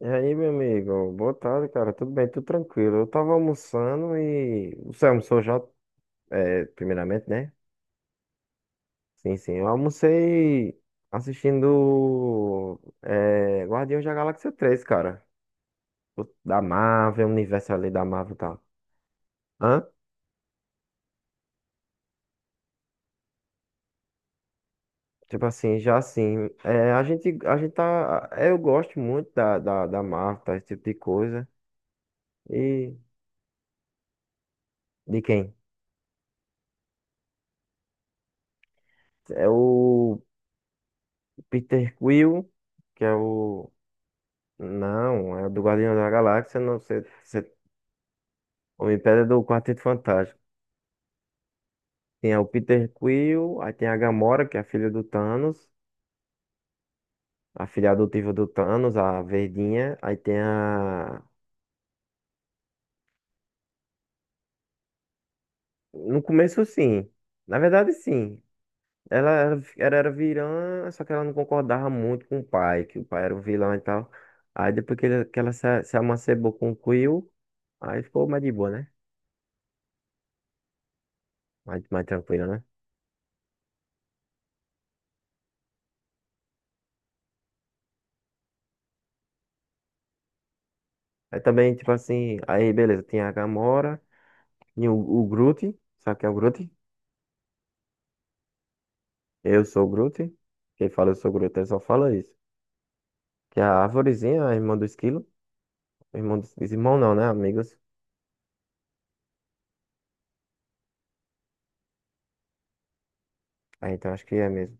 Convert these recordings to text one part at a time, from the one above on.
E aí, meu amigo? Boa tarde, cara. Tudo bem? Tudo tranquilo. Eu tava almoçando. Você almoçou já, primeiramente, né? Sim, sim. Eu almocei assistindo Guardiões da Galáxia três, cara. Da Marvel, o universo ali da Marvel e tal. Hã? Tipo assim, já assim. A gente tá. Eu gosto muito da Marvel, tá? Esse tipo de coisa. E... De quem? É o Peter Quill, que é o. Não, é o do Guardião da Galáxia, não, você. Homem-Pedra é do Quarteto Fantástico. Tem o Peter Quill, aí tem a Gamora, que é a filha do Thanos, a filha adotiva do Thanos, a verdinha, aí tem a. No começo, sim. Na verdade, sim. Ela era vilã, só que ela não concordava muito com o pai, que o pai era o vilão e tal. Aí depois que ela se amancebou com o Quill, aí ficou mais de boa, né? Mais tranquila, né? Aí também, tipo assim, aí beleza, tem a Gamora. E o Groot, sabe quem é o Groot? Eu sou o Groot. Quem fala eu sou o Groot, ele só fala isso. Que a arvorezinha, a irmã do esquilo. Irmão não, né? Amigos. Ah, então acho que é mesmo.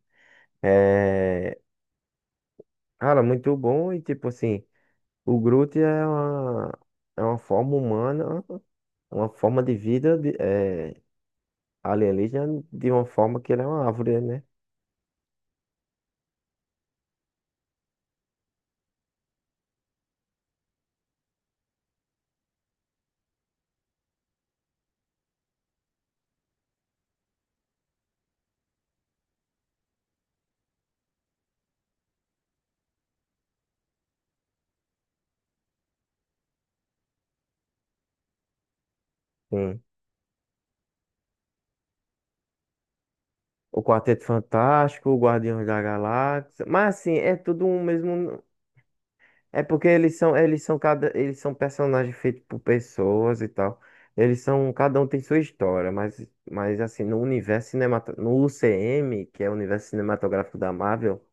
É... Cara, muito bom. E tipo assim, o Groot é uma forma humana, uma forma de vida de, alienígena de uma forma que ele é uma árvore, né? Sim. O Quarteto Fantástico, o Guardiões da Galáxia. Mas assim, é tudo um mesmo. É porque eles são personagens feitos por pessoas e tal. Eles são, cada um tem sua história, mas assim, no universo cinematográfico, no UCM, que é o universo cinematográfico da Marvel,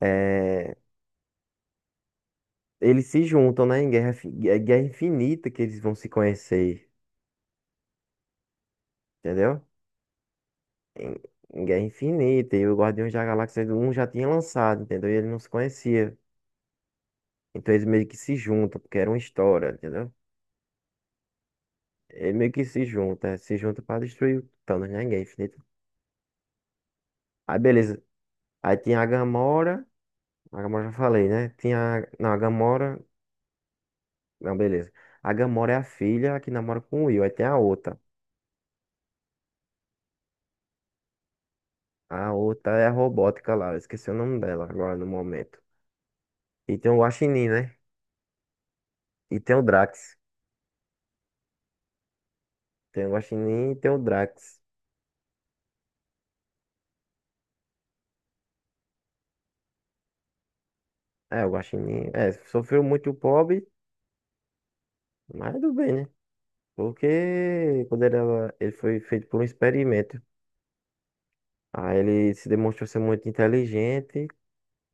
é, eles se juntam, né, em Guerra, Fi- é Guerra Infinita que eles vão se conhecer, entendeu? Em, em Guerra Infinita, e o Guardiões da Galáxia um já tinha lançado, entendeu? E ele não se conhecia. Então eles meio que se juntam, porque era uma história, entendeu? Ele meio que se junta pra destruir o Thanos, né? Ninguém. Aí beleza. Aí tinha a Gamora. A Gamora já falei, né? Tinha. Não, a Gamora. Não, beleza. A Gamora é a filha que namora com o Will. Aí tem a outra. A outra é a robótica lá. Eu esqueci o nome dela agora no momento. E tem o Guaxinim, né? E tem o Drax. Tem o Guaxinim e tem o Drax. É, o Guaxinim. É, sofreu muito o pobre, mas tudo bem, né? Porque quando ele foi feito por um experimento. Aí ele se demonstrou ser muito inteligente.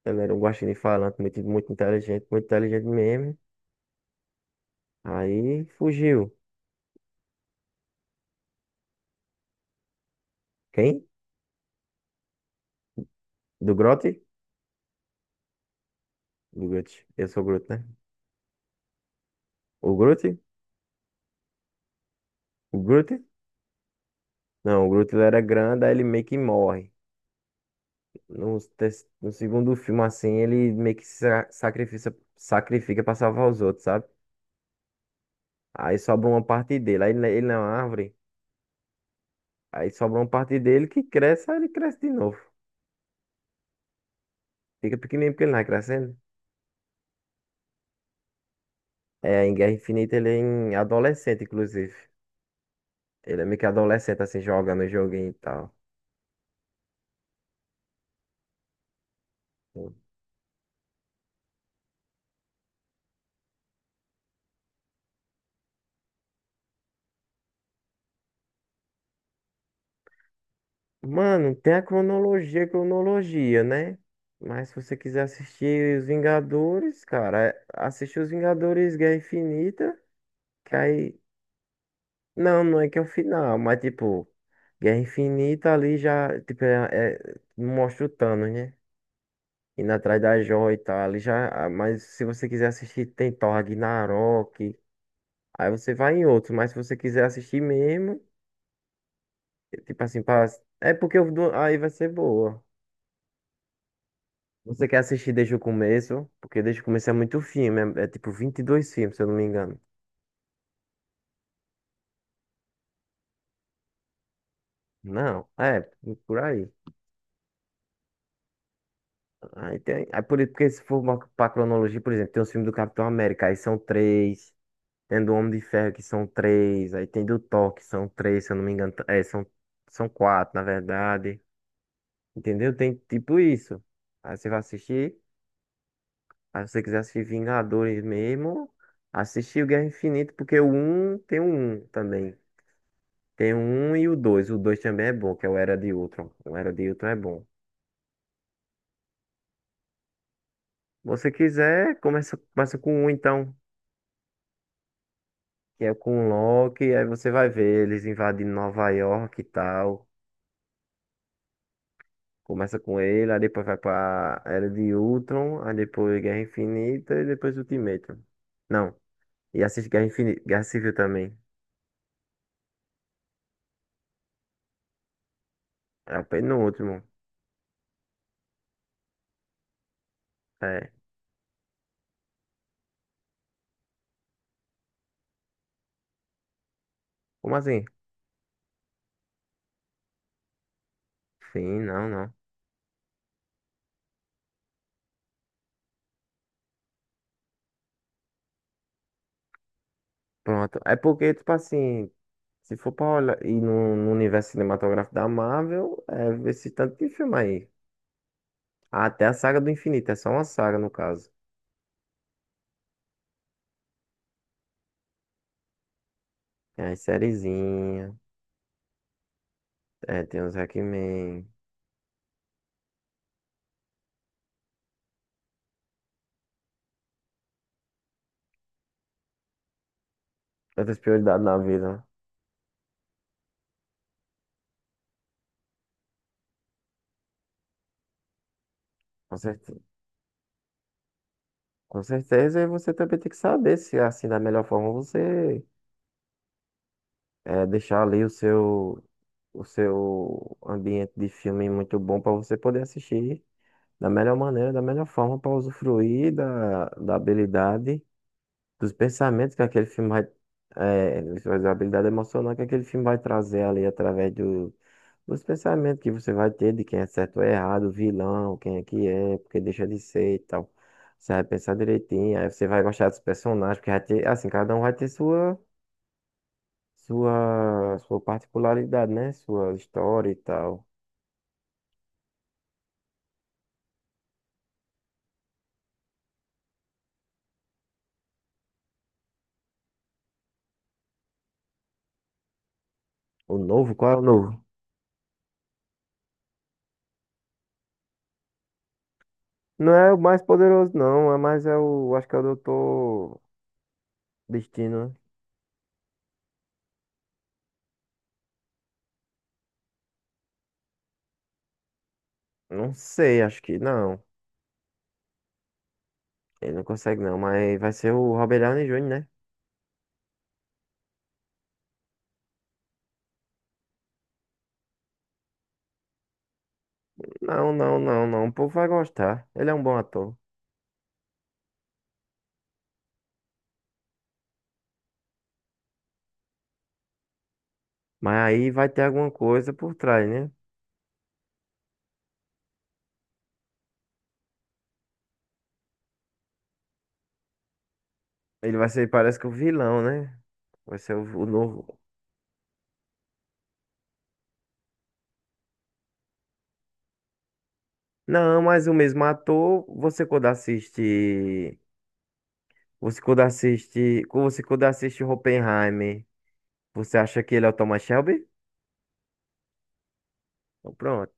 Ele era um guaxinim falante, muito, muito inteligente mesmo. Aí fugiu. Quem? Do Grote? Do Grote. Eu sou o Grote, né? O Grote? O Grote? Não, o Grote ele era grande, aí ele meio que morre. No segundo filme, assim, ele meio que sacrifica pra salvar os outros, sabe? Aí sobra uma parte dele. Aí ele na árvore, aí sobra uma parte dele que cresce, aí ele cresce de novo. Fica pequenininho porque ele não vai crescendo. É, em Guerra Infinita ele é em adolescente, inclusive. Ele é meio que adolescente, assim, jogando o joguinho e tal. Mano, tem a cronologia, cronologia, né? Mas se você quiser assistir Os Vingadores, cara, assiste Os Vingadores Guerra Infinita, que aí. Não, não é que é o final, mas tipo, Guerra Infinita ali já, tipo, mostra o Thanos, né? Indo atrás da joia e tal, ali já. Ah, mas se você quiser assistir, tem Thor Ragnarok. Aí você vai em outros, mas se você quiser assistir mesmo. Tipo assim, pra. É porque aí vai ser boa. Você quer assistir desde o começo? Porque desde o começo é muito filme, tipo 22 filmes, se eu não me engano. Não, é, por aí. Porque se for uma, pra cronologia, por exemplo, tem os filmes do Capitão América, aí são três. Tem do Homem de Ferro, que são três. Aí tem do Thor, que são três, se eu não me engano. São quatro, na verdade. Entendeu? Tem tipo isso. Aí você vai assistir. Aí se você quiser assistir Vingadores mesmo, assistir o Guerra Infinita, porque o um tem o 1 também. Tem o 1 e o dois. O 2 também é bom, que é o Era de Ultron. O Era de Ultron é bom. Se você quiser, começa com o então, que é com o Loki, aí você vai ver eles invadindo Nova York e tal. Começa com ele, aí depois vai pra Era de Ultron, aí depois Guerra Infinita e depois Ultimato. Não, e assiste Guerra Infinita, Guerra Civil também. É o penúltimo. É. Como assim? Sim, não, não. Pronto. É porque, tipo assim, se for pra olhar e no universo cinematográfico da Marvel, é esse tanto de filme aí. Ah, até a saga do infinito, é só uma saga no caso. Tem as sériezinhas, tem os Hackman, outras prioridades na vida, né? Com certeza. Com certeza, e você também tem que saber se, assim, da melhor forma você deixar ali o seu ambiente de filme muito bom pra você poder assistir. Da melhor maneira, da melhor forma para usufruir da habilidade, dos pensamentos que aquele filme vai, é, da habilidade emocional que aquele filme vai trazer ali através do, dos pensamentos que você vai ter de quem é certo ou errado, vilão, quem é que é, porque deixa de ser e tal. Você vai pensar direitinho, aí você vai gostar dos personagens, porque vai ter, assim, cada um vai ter sua particularidade, né? Sua história e tal. O novo, qual é o novo? Não é o mais poderoso, não. É mais é o. Acho que é o Doutor Destino, né? Não sei, acho que não. Ele não consegue, não. Mas vai ser o Robert Downey Jr., né? Não, não, não, não. O povo vai gostar. Ele é um bom ator. Mas aí vai ter alguma coisa por trás, né? Ele vai ser, parece que o vilão, né? Vai ser o novo. Não, mas o mesmo ator, você quando assiste. Oppenheimer, você acha que ele é o Thomas Shelby? Então, pronto.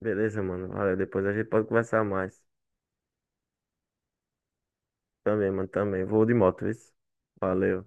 Beleza, mano. Valeu. Depois a gente pode conversar mais. Também, mano. Também. Vou de moto, isso. Valeu.